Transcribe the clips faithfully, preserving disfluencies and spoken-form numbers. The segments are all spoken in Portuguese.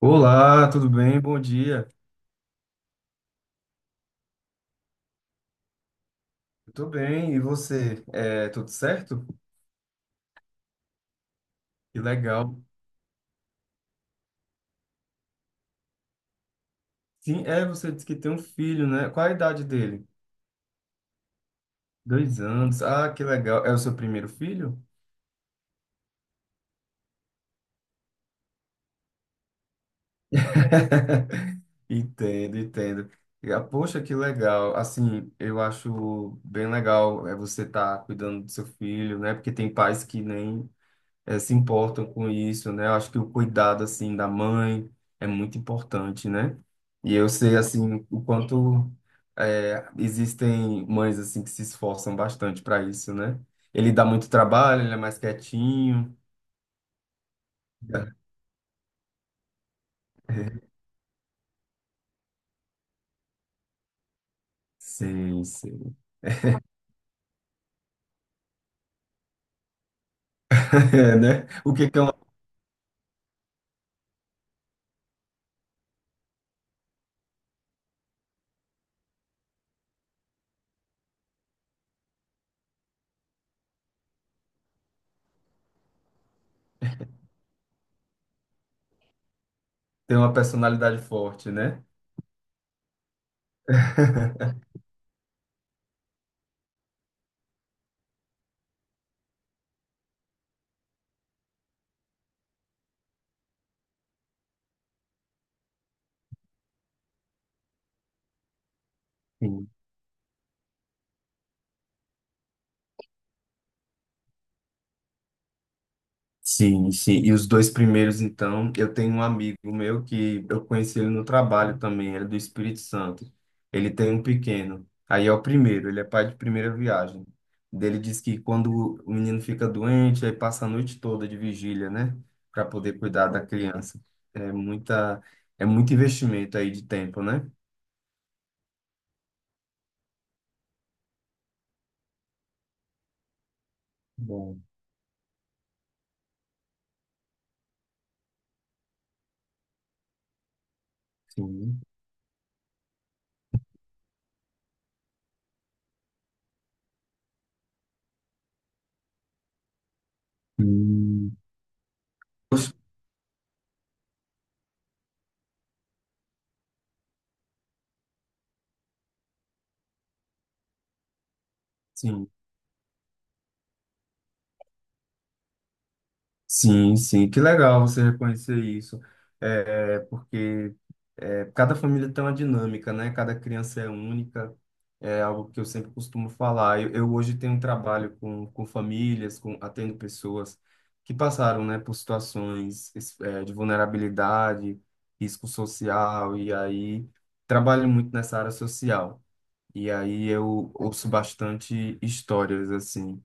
Olá, tudo bem? Bom dia. Eu tô bem, e você? É, tudo certo? Que legal. Sim, é, você disse que tem um filho, né? Qual a idade dele? Dois anos. Ah, que legal. É o seu primeiro filho? Entendo, entendo. E, ah, poxa, que legal. Assim, eu acho bem legal é você estar cuidando do seu filho, né? Porque tem pais que nem eh, se importam com isso, né? Eu acho que o cuidado, assim, da mãe é muito importante, né? E eu sei, assim, o quanto eh, existem mães, assim, que se esforçam bastante para isso, né? Ele dá muito trabalho, ele é mais quietinho. Sim, sim. É, né? O que que é uma, ter uma personalidade forte, né? Sim. Sim, sim. E os dois primeiros, então, eu tenho um amigo meu que eu conheci ele no trabalho também, ele é do Espírito Santo. Ele tem um pequeno. Aí é o primeiro, ele é pai de primeira viagem. Ele diz que quando o menino fica doente, aí passa a noite toda de vigília, né? Para poder cuidar da criança. É muita, é muito investimento aí de tempo, né? Bom, sim. Hum. Sim, sim, sim. Que legal você reconhecer isso. É, porque É, cada família tem uma dinâmica, né? Cada criança é única. É algo que eu sempre costumo falar. Eu, eu hoje tenho um trabalho com, com famílias, com atendo pessoas que passaram, né, por situações, es- é, de vulnerabilidade, risco social, e aí trabalho muito nessa área social. E aí eu ouço bastante histórias, assim.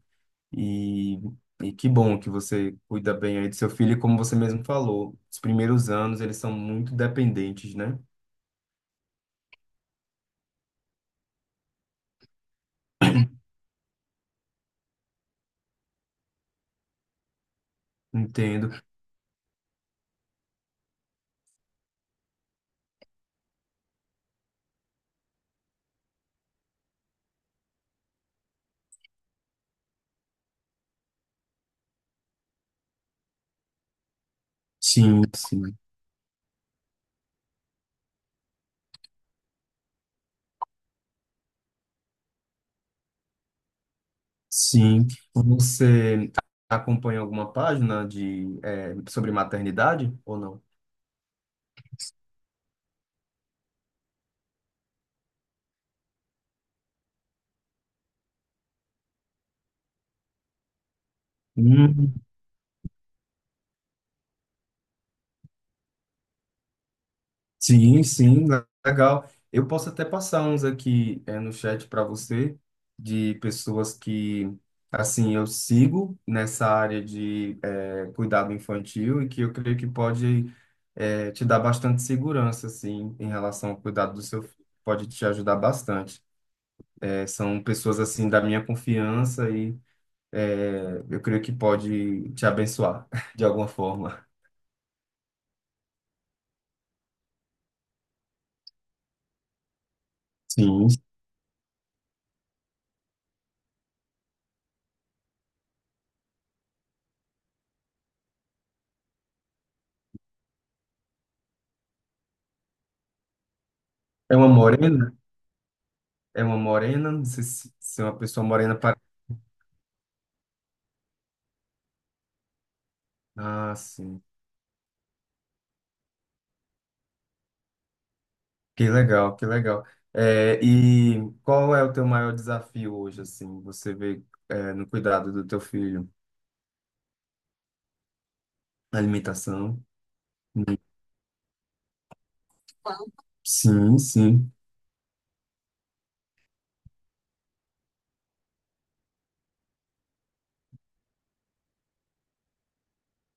E, e que bom que você cuida bem aí do seu filho, e como você mesmo falou, os primeiros anos eles são muito dependentes, né? Entendo. Sim, sim, sim. Você acompanha alguma página de eh, sobre maternidade ou não? Hum, sim, sim, le- legal. Eu posso até passar uns aqui eh, no chat para você de pessoas que assim eu sigo nessa área de eh, cuidado infantil e que eu creio que pode eh, te dar bastante segurança assim em relação ao cuidado do seu filho. Pode te ajudar bastante. É, são pessoas assim da minha confiança e é, eu creio que pode te abençoar de alguma forma. Sim. É uma morena? É uma morena? Não sei se, se é uma pessoa morena para. Ah, sim. Que legal, que legal. É, e qual é o teu maior desafio hoje, assim? Você vê é, no cuidado do teu filho, na alimentação? Hum. Sim, sim.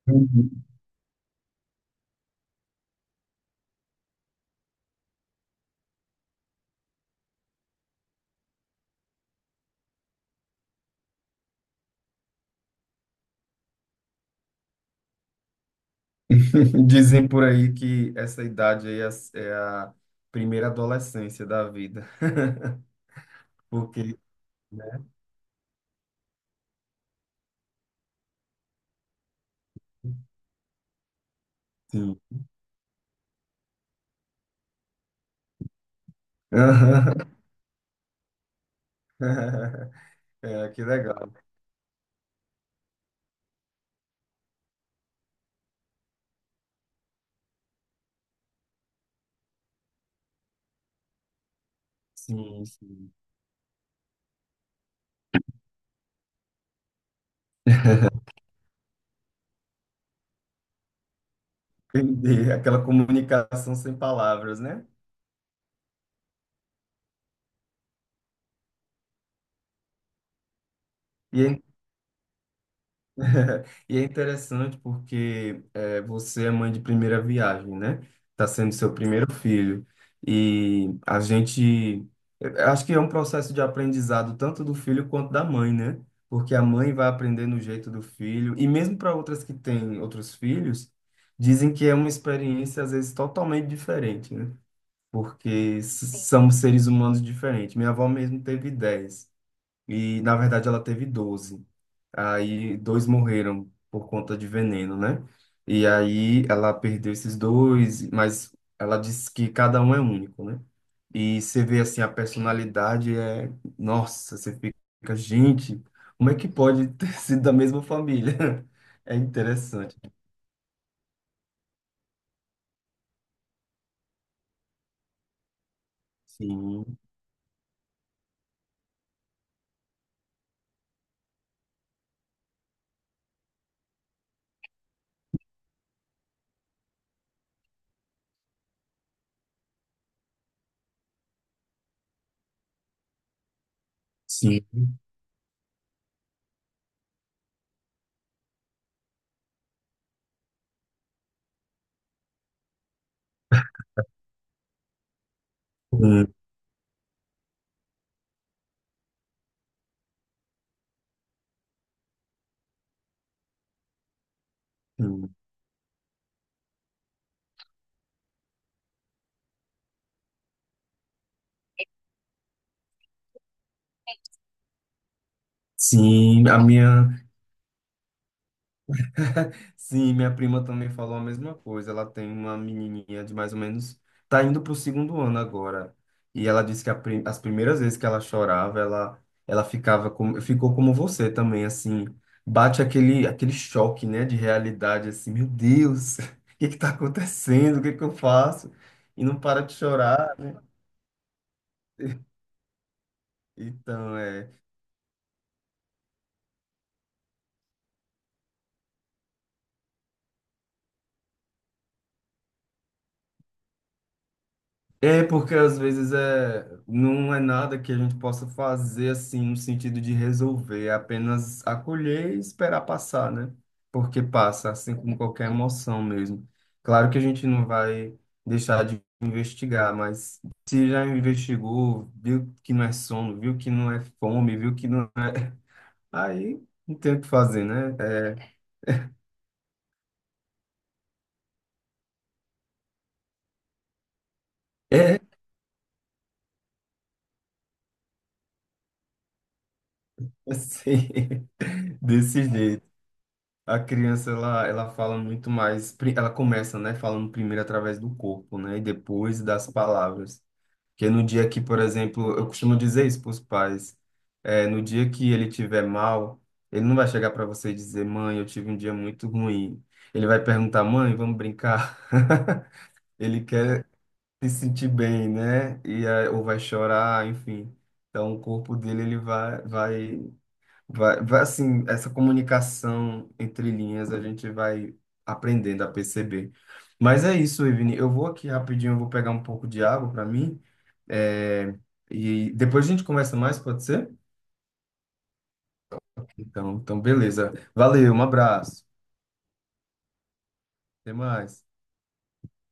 Dizem por aí que essa idade aí é a é a primeira adolescência da vida. Porque, né, sim. Aham. É, que legal. Sim, sim. Entendi. Aquela comunicação sem palavras, né? E é E é interessante porque eh, você é mãe de primeira viagem, né? Está sendo seu primeiro filho. E a gente. Eu acho que é um processo de aprendizado tanto do filho quanto da mãe, né? Porque a mãe vai aprendendo o jeito do filho. E mesmo para outras que têm outros filhos, dizem que é uma experiência, às vezes, totalmente diferente, né? Porque s- somos seres humanos diferentes. Minha avó mesmo teve dez. E na verdade ela teve doze. Aí dois morreram por conta de veneno, né? E aí ela perdeu esses dois, mas ela disse que cada um é único, né? E você vê assim a personalidade é, nossa, você fica, gente, como é que pode ter sido da mesma família? É interessante. Sim, sim. Hum, hum. Sim, a minha. Sim, minha prima também falou a mesma coisa. Ela tem uma menininha de mais ou menos, tá indo pro segundo ano agora. E ela disse que a prim- as primeiras vezes que ela chorava, ela, ela ficava como, ficou como você também, assim, bate aquele, aquele choque, né, de realidade, assim, meu Deus, o que que tá acontecendo? O que que eu faço? E não para de chorar. Então, é. É porque às vezes é, não é nada que a gente possa fazer assim no sentido de resolver, é apenas acolher e esperar passar, né? Porque passa, assim como qualquer emoção mesmo. Claro que a gente não vai deixar de investigar, mas se já investigou, viu que não é sono, viu que não é fome, viu que não é... Aí não tem o que fazer, né? É, é assim, desse jeito. A criança, ela, ela fala muito mais, pri- ela começa, né, falando primeiro através do corpo, né, e depois das palavras. Porque no dia que, por exemplo, eu costumo dizer isso para os pais, é, no dia que ele tiver mal, ele não vai chegar para você e dizer, mãe, eu tive um dia muito ruim. Ele vai perguntar, mãe, vamos brincar? Ele quer se sentir bem, né, e, eh, ou vai chorar, enfim. Então, o corpo dele, ele vai, vai Vai, vai, assim, essa comunicação entre linhas a gente vai aprendendo a perceber. Mas é isso, Evine. Eu vou aqui rapidinho, eu vou pegar um pouco de água para mim. É, e depois a gente conversa mais, pode ser? Então, então, beleza. Valeu, um abraço. Até mais.